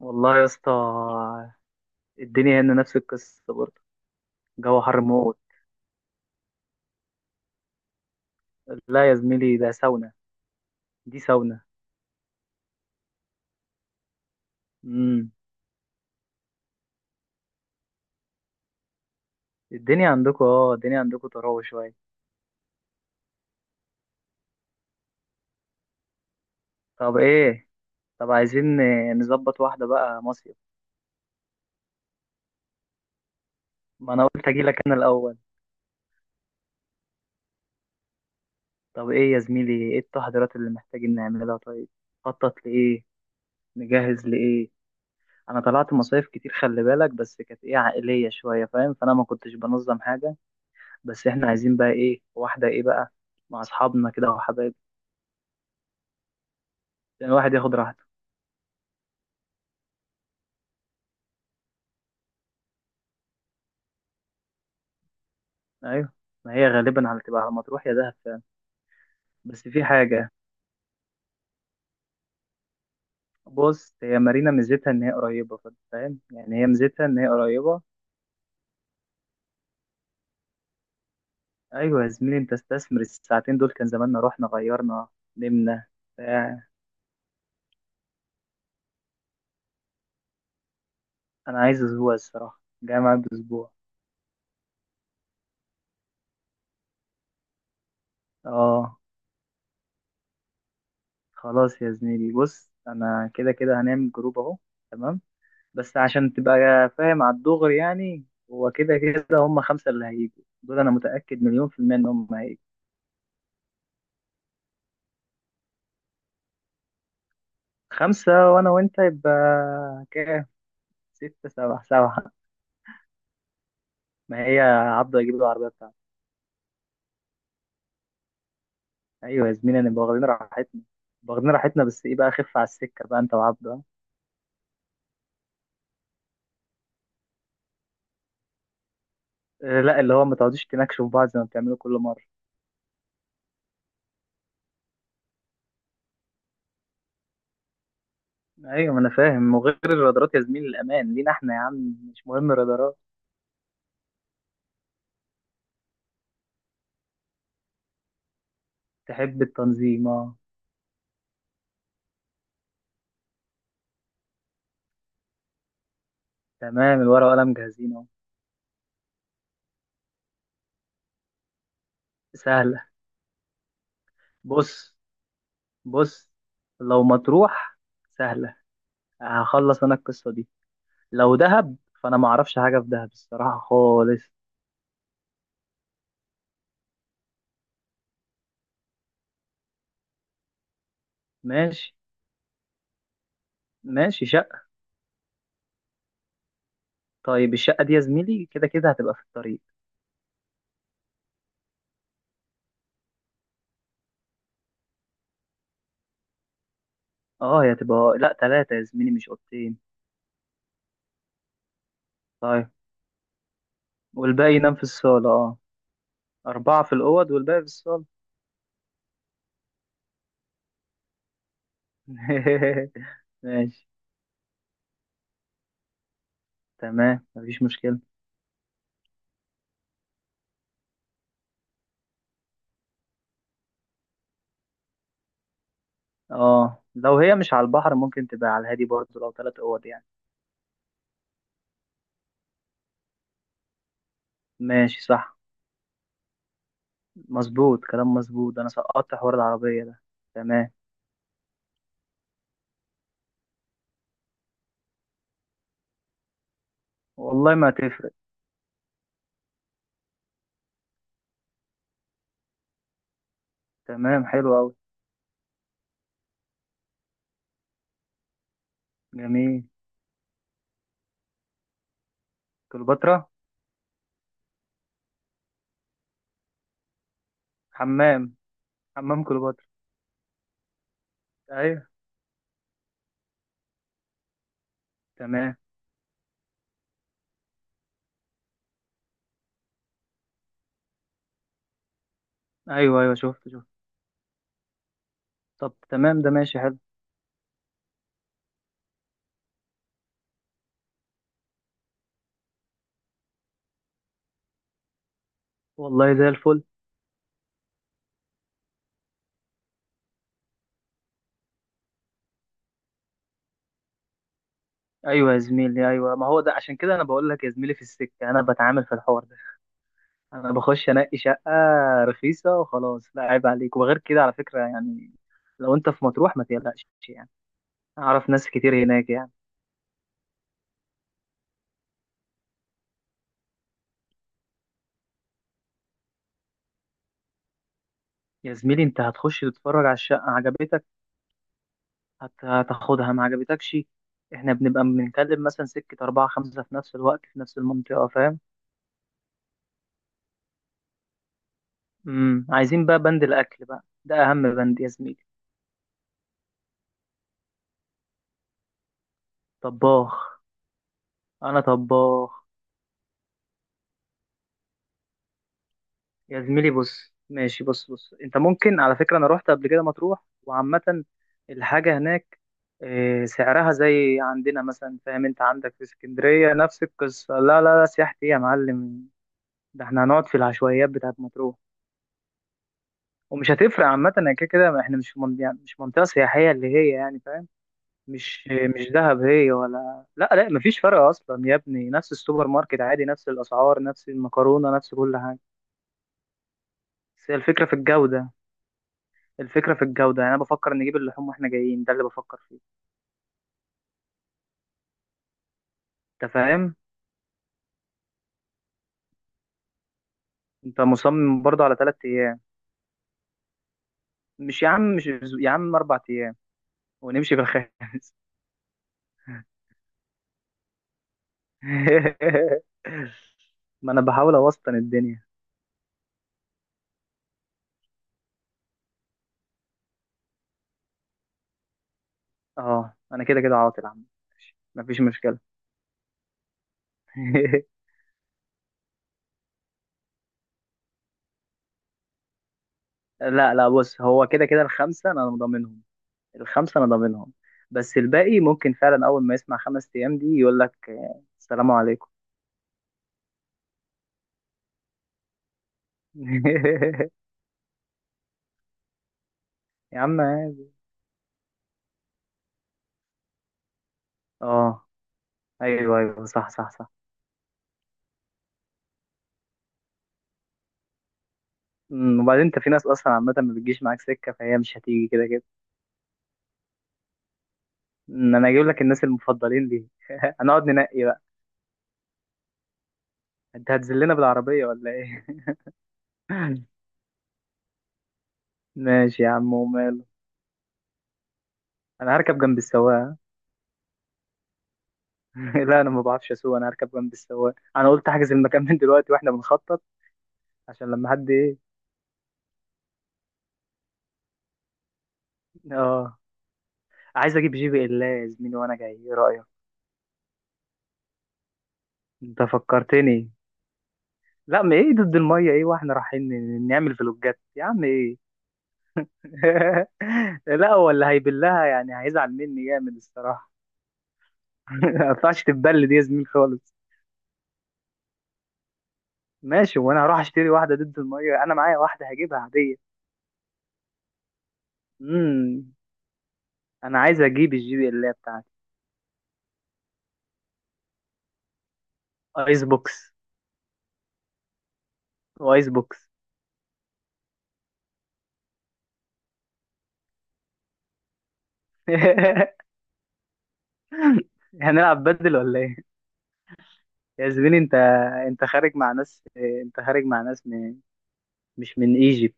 والله يا اسطى، الدنيا هنا نفس القصة برضه. جو حر موت. لا يا زميلي، ده ساونا. دي ساونا. امم. الدنيا عندكم طراوة شوية. طب ايه؟ طب عايزين نظبط واحدة بقى مصيف. ما انا قلت اجي لك انا الاول. طب ايه يا زميلي؟ ايه التحضيرات اللي محتاجين نعملها طيب؟ خطط لايه؟ نجهز لايه؟ انا طلعت مصايف كتير، خلي بالك، بس كانت ايه عائلية شوية، فاهم؟ فانا ما كنتش بنظم حاجة. بس احنا عايزين بقى ايه واحدة ايه بقى مع اصحابنا كده وحبايبنا. يعني الواحد ياخد راحته. ايوه. ما هي غالبا تبقى على مطروح يا دهب فعلا. بس في حاجه، بص، هي مارينا ميزتها ان هي قريبه، فأنت فاهم؟ يعني هي ميزتها ان هي قريبه. ايوه يا زميلي، انت استثمر الساعتين دول، كان زماننا رحنا غيرنا، نمنا. بتاع. انا عايز اسبوع الصراحه، جاي معايا باسبوع. اه. خلاص يا زميلي، بص، انا كده كده هنعمل جروب اهو. تمام. بس عشان تبقى فاهم على الدغري يعني. هو كده كده هم 5 اللي هيجوا دول، انا متاكد مليون في الميه ان هم هيجوا. 5 وأنا وأنت يبقى كام؟ 6 7 7. ما هي عبده هيجيب له العربية بتاعته. أيوة يا زميلي، أنا واخدين راحتنا، واخدين راحتنا، بس إيه بقى؟ خف على السكة بقى أنت وعبده. لا اللي هو ما تقعدوش تناكشوا في بعض زي ما بتعملوا كل مرة. أيوة، ما أنا فاهم، وغير الرادارات يا زميلي، الأمان لينا إحنا يا عم، مش مهم الرادارات. تحب التنظيم أه. تمام، الورقة وقلم جاهزين أهو. سهلة. بص بص، لو مطروح سهلة، هخلص أنا القصة دي. لو دهب، فانا ما اعرفش حاجه في دهب الصراحه خالص. ماشي. ماشي شقه. طيب، الشقه دي يا زميلي كده كده هتبقى في الطريق. اه هي هتبقى لا، 3 يا زميلي مش اوضتين. طيب والباقي ينام في الصاله اه؟ 4 في الاوض والباقي في الصاله. ماشي، تمام، مفيش مشكله. اه لو هي مش على البحر، ممكن تبقى على الهادي برضه، لو 3 اوض يعني. ماشي، صح. مظبوط، كلام مظبوط، انا سقطت حوار العربيه ده. تمام. والله ما تفرق. تمام، حلو قوي. جميل. كليوباترا. حمام. حمام كليوباترا. ايوه. تمام. ايوه ايوه، شفت شفت. طب تمام، ده ماشي حلو. والله زي الفل. ايوه يا زميلي، ايوه، ما هو ده عشان كده انا بقول لك يا زميلي في السكه، انا بتعامل في الحوار ده. انا بخش انقي شقه رخيصه وخلاص، لا عيب عليك، وغير كده على فكره يعني. لو انت في مطروح ما تقلقش يعني، اعرف ناس كتير هناك يعني. يا زميلي، انت هتخش تتفرج على الشقه، عجبتك هتاخدها، ما عجبتكش، احنا بنبقى بنتكلم مثلا سكه 4 5 في نفس الوقت في نفس المنطقه، فاهم؟ عايزين بقى بند الاكل بقى، ده اهم بند يا زميلي. طباخ، انا طباخ. يا زميلي بص، ماشي، بص بص، انت ممكن على فكره انا رحت قبل كده مطروح، وعامه الحاجه هناك سعرها زي عندنا مثلا، فاهم؟ انت عندك في اسكندريه نفس القصه، لا لا لا، سياحتي ايه يا معلم؟ ده احنا هنقعد في العشوائيات بتاعت مطروح، ومش هتفرق عامه يعني، كده كده احنا مش في يعني مش منطقه سياحيه اللي هي يعني، فاهم؟ مش مش دهب هي، ولا لا لا، مفيش فرق اصلا يا ابني، نفس السوبر ماركت عادي، نفس الاسعار، نفس المكرونه، نفس كل حاجه. بس هي الفكره في الجوده، الفكره في الجوده، يعني انا بفكر نجيب اللحوم واحنا جايين، ده اللي بفكر فيه. انت فاهم؟ انت مصمم برضه على 3 ايام؟ مش يا عم، مش يا عم 4 ايام ونمشي في الخامس. ما انا بحاول اوسطن الدنيا، اه انا كده كده عاطل يا عم. ماشي، مفيش مشكله. لا لا بص، هو كده كده الخمسه انا مضمنهم، الخمسة أنا ضامنهم. بس الباقي ممكن فعلا أول ما يسمع 5 أيام دي يقول لك السلام عليكم. يا عم عادي. اه أيوه أيوه، صح صح صح. وبعدين أنت في ناس أصلا عامة ما بتجيش معاك سكة، فهي مش هتيجي كده كده. أنا هجيب لك الناس المفضلين ليه. هنقعد ننقي بقى. أنت هتذلنا بالعربية ولا إيه؟ ماشي يا عم وماله. أنا هركب جنب السواق. ها؟ لا أنا ما بعرفش أسوق، أنا هركب جنب السواق، أنا قلت أحجز المكان من دلوقتي وإحنا بنخطط عشان لما حد إيه. اه عايز اجيب JBL يا زميلي وانا جاي، ايه رايك؟ انت فكرتني. لا ما ايه ضد الميه؟ ايه، واحنا رايحين نعمل فلوجات يا عم ايه؟ لا هو اللي هيبلها يعني هيزعل مني جامد الصراحه. ما ينفعش تتبل دي يا زميل خالص. ماشي، وانا هروح اشتري واحده ضد الميه؟ انا معايا واحده، هجيبها عاديه. امم انا عايز اجيب الـJBL بتاعتي. ايس بوكس. وايس بوكس. هنلعب بدل ولا ايه؟ يا زميلي انت خارج مع ناس، انت خارج مع ناس من، مش من ايجي.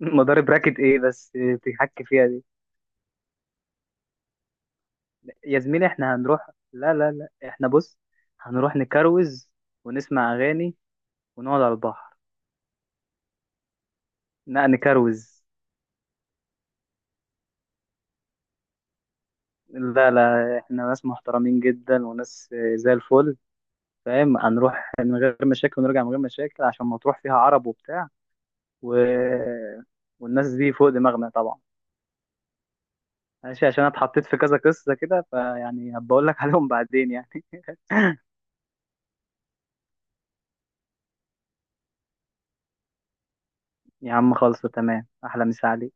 مدار براكت ايه بس؟ تحكي فيها دي؟ يا زميلي احنا هنروح، لا لا لا احنا بص، هنروح نكروز، ونسمع اغاني، ونقعد على البحر. لا نكروز. لا لا، احنا ناس محترمين جدا وناس، زي الفل، فاهم؟ هنروح من غير مشاكل ونرجع من غير مشاكل، عشان ما تروح فيها عرب وبتاع، و... والناس دي فوق دماغنا طبعا. ماشي، عشان انا اتحطيت في كذا قصة كده فيعني هبقول لك عليهم بعدين يعني. يا عم خلصوا، تمام، احلى مسا عليك.